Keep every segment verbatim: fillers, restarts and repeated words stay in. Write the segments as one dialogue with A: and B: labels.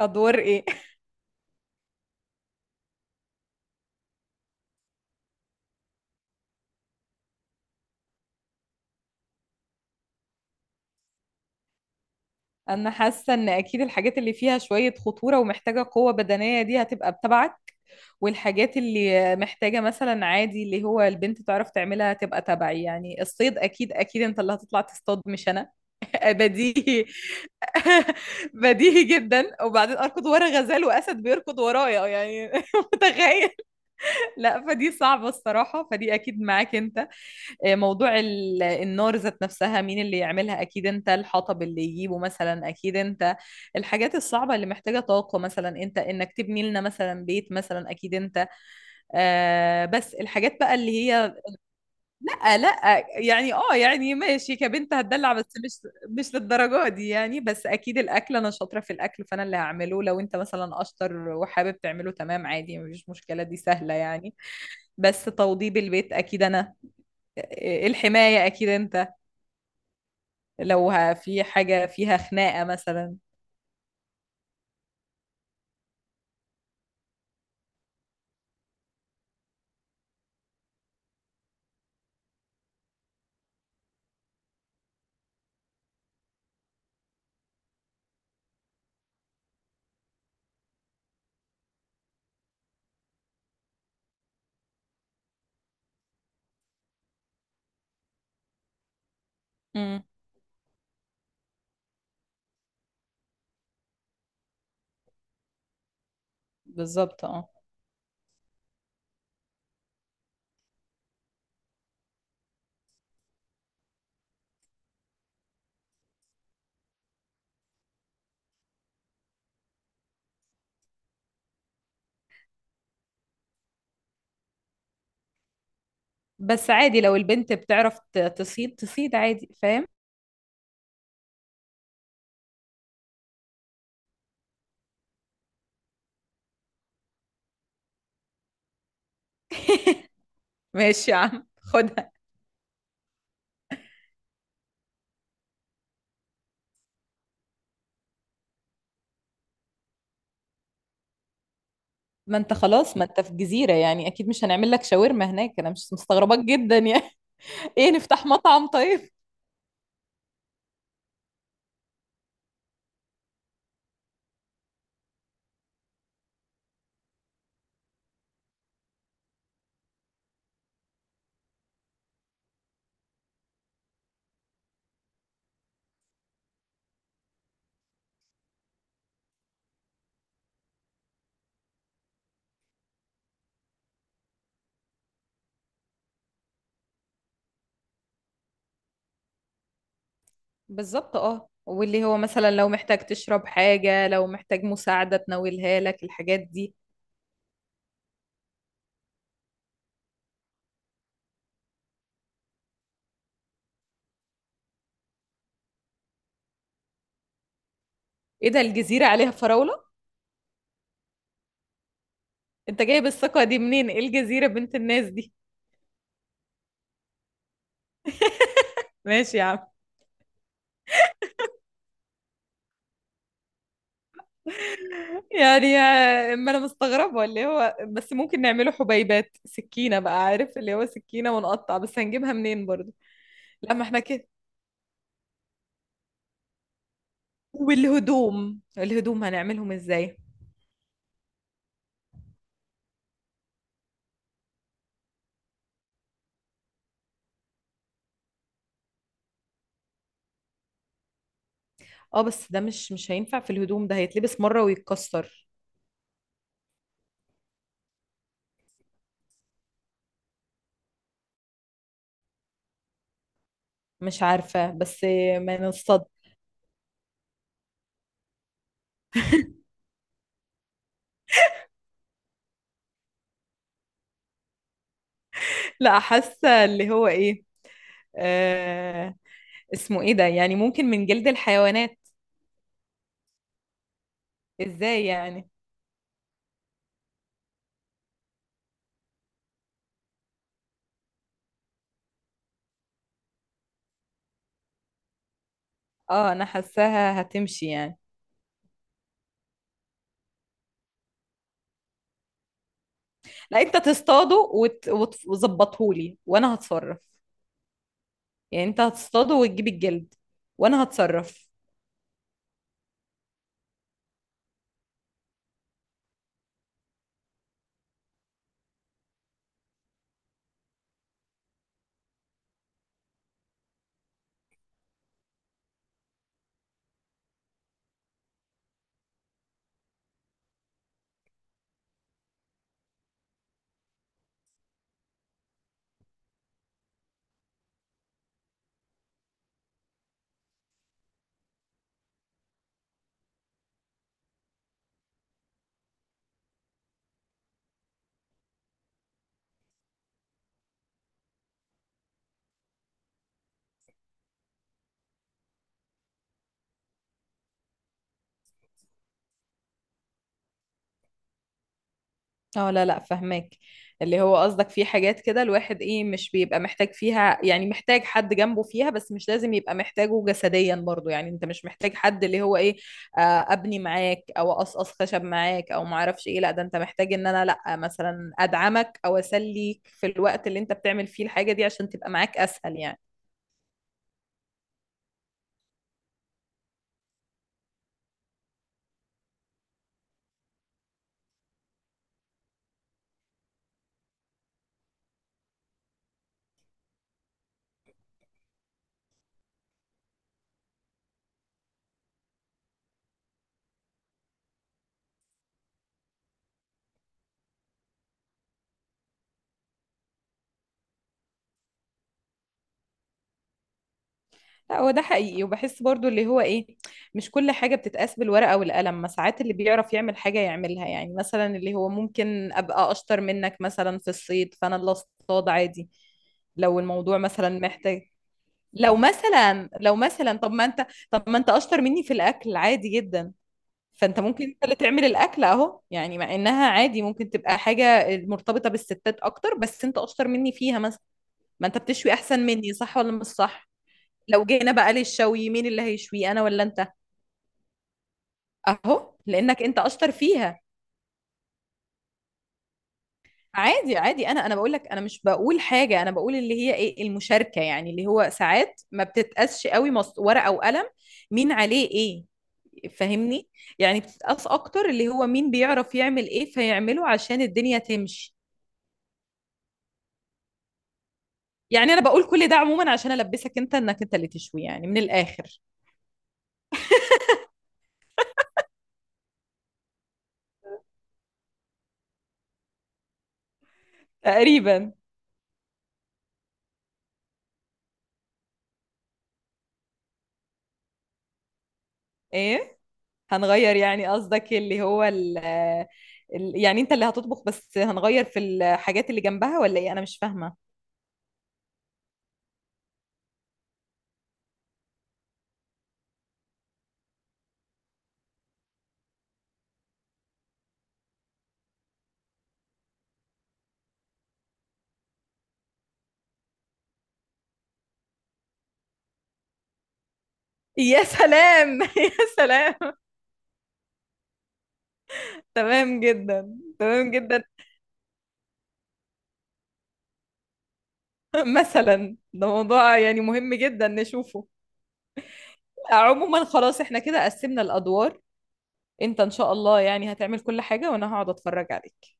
A: ادوار ايه؟ انا حاسه ان اكيد الحاجات اللي فيها شويه خطوره ومحتاجه قوه بدنيه دي هتبقى بتبعك، والحاجات اللي محتاجه مثلا عادي اللي هو البنت تعرف تعملها هتبقى تبعي. يعني الصيد اكيد اكيد انت اللي هتطلع تصطاد مش انا. بديهي. بديهي جدا. وبعدين اركض ورا غزال واسد بيركض ورايا؟ يعني متخيل. لا فدي صعبه الصراحه، فدي اكيد معاك انت. آه، موضوع ال- النار ذات نفسها مين اللي يعملها؟ اكيد انت. الحطب اللي يجيبه مثلا اكيد انت. الحاجات الصعبة اللي محتاجة طاقة، مثلا انت، انك تبني لنا مثلا بيت مثلا اكيد انت. آه بس الحاجات بقى اللي هي لا لا يعني اه يعني ماشي كبنت هتدلع، بس مش مش للدرجة دي يعني. بس اكيد الاكل انا شاطرة في الاكل، فانا اللي هعمله. لو انت مثلا اشطر وحابب تعمله تمام عادي، مفيش مشكلة دي سهلة يعني. بس توضيب البيت اكيد انا. آه، الحماية اكيد انت. لو ه- في حاجة فيها خناقة مثلا. امم بالظبط اه. بس عادي لو البنت بتعرف ت- تصيد، تصيد عادي فاهم؟ ماشي يا عم خدها. ما انت خلاص ما انت في جزيرة، يعني اكيد مش هنعمل لك شاورما هناك، انا مش مستغرباك جدا يعني. ايه نفتح مطعم طيب. بالظبط اه. واللي هو مثلا لو محتاج تشرب حاجة، لو محتاج مساعدة تناولها لك، الحاجات دي. ايه ده الجزيرة عليها فراولة؟ انت جايب الثقة دي منين؟ ايه الجزيرة بنت الناس دي؟ ماشي يا عم. يعني ما انا مستغربه، اللي هو بس ممكن نعمله حبيبات سكينه بقى، عارف اللي هو سكينه ونقطع، بس هنجيبها منين برضو؟ لا ما احنا كده. والهدوم، الهدوم هنعملهم ازاي؟ اه بس ده مش مش هينفع في الهدوم، ده هيتلبس مره ويتكسر. مش عارفه بس. ما نصطاد. لا حاسه اللي هو ايه. آه، اسمه ايه ده، يعني ممكن من جلد الحيوانات. ازاي يعني؟ اه انا حاساها هتمشي يعني. لا انت تصطاده وت... وت- وتظبطهولي وانا هتصرف. يعني انت هتصطاده وتجيب الجلد وانا هتصرف. اه لا لا فهماك. اللي هو قصدك في حاجات كده الواحد ايه مش بيبقى محتاج فيها، يعني محتاج حد جنبه فيها بس مش لازم يبقى محتاجه جسديا برضه. يعني انت مش محتاج حد اللي هو ايه، آه، ابني معاك او اقصقص خشب معاك او معرفش ايه. لا ده انت محتاج ان انا لا مثلا ادعمك او اسليك في الوقت اللي انت بتعمل فيه الحاجة دي عشان تبقى معاك اسهل يعني. لا هو ده حقيقي. وبحس برضو اللي هو ايه، مش كل حاجة بتتقاس بالورقة والقلم، ما ساعات اللي بيعرف يعمل حاجة يعملها. يعني مثلا اللي هو ممكن ابقى اشطر منك مثلا في الصيد، فانا اللي اصطاد عادي. لو الموضوع مثلا محتاج. لو مثلا لو مثلا طب ما انت طب ما انت اشطر مني في الاكل عادي جدا، فانت ممكن انت اللي تعمل الاكل اهو يعني. مع انها عادي ممكن تبقى حاجة مرتبطة بالستات اكتر بس انت اشطر مني فيها مثلا. ما انت بتشوي احسن مني، صح ولا مش صح؟ لو جينا بقى للشوي مين اللي هيشوي، انا ولا انت؟ اهو لانك انت اشطر فيها. عادي عادي. انا انا بقول لك انا مش بقول حاجه، انا بقول اللي هي ايه المشاركه، يعني اللي هو ساعات ما بتتقاسش قوي مص- ورقه وقلم مين عليه ايه. فاهمني؟ يعني بتتقاس اكتر اللي هو مين بيعرف يعمل ايه فيعمله عشان الدنيا تمشي. يعني انا بقول كل ده عموما عشان البسك انت انك انت اللي تشوي يعني من الاخر. تقريبا. ايه. هنغير يعني قصدك اللي هو ال ال- يعني انت اللي هتطبخ بس هنغير في الحاجات اللي جنبها ولا ايه؟ انا مش فاهمة. يا سلام يا سلام. تمام جدا تمام جدا. مثلا ده موضوع يعني مهم جدا نشوفه. عموما خلاص احنا كده قسمنا الادوار. انت ان شاء الله يعني هتعمل كل حاجة وانا هقعد اتفرج عليك.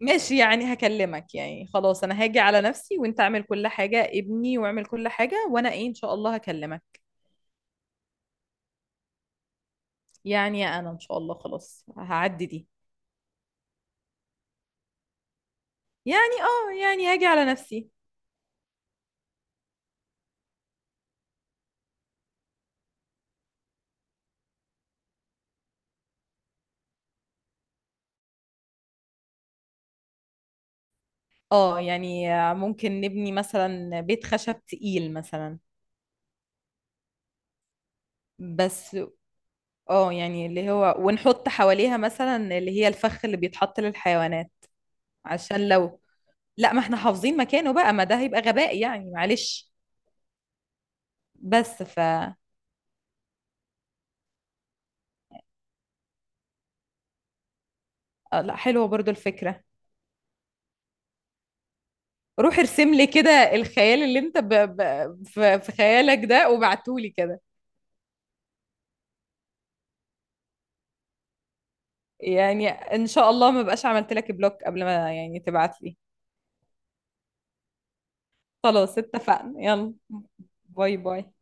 A: ماشي يعني هكلمك. يعني خلاص انا هاجي على نفسي وانت اعمل كل حاجة، ابني واعمل كل حاجة، وانا ايه ان شاء الله هكلمك. يعني انا ان شاء الله خلاص هعدي دي. يعني اه يعني هاجي على نفسي. اه يعني ممكن نبني مثلا بيت خشب تقيل مثلا. بس اه يعني اللي هو ونحط حواليها مثلا اللي هي الفخ اللي بيتحط للحيوانات عشان لو. لا ما احنا حافظين مكانه بقى، ما ده هيبقى غباء يعني معلش. بس ف. آه، لا حلوة برضو الفكرة. روح ارسم لي كده الخيال اللي انت ب... ب... في في خيالك ده وبعتولي كده. يعني ان شاء الله ما بقاش عملت لك بلوك قبل ما يعني تبعت لي. خلاص اتفقنا يلا. باي باي.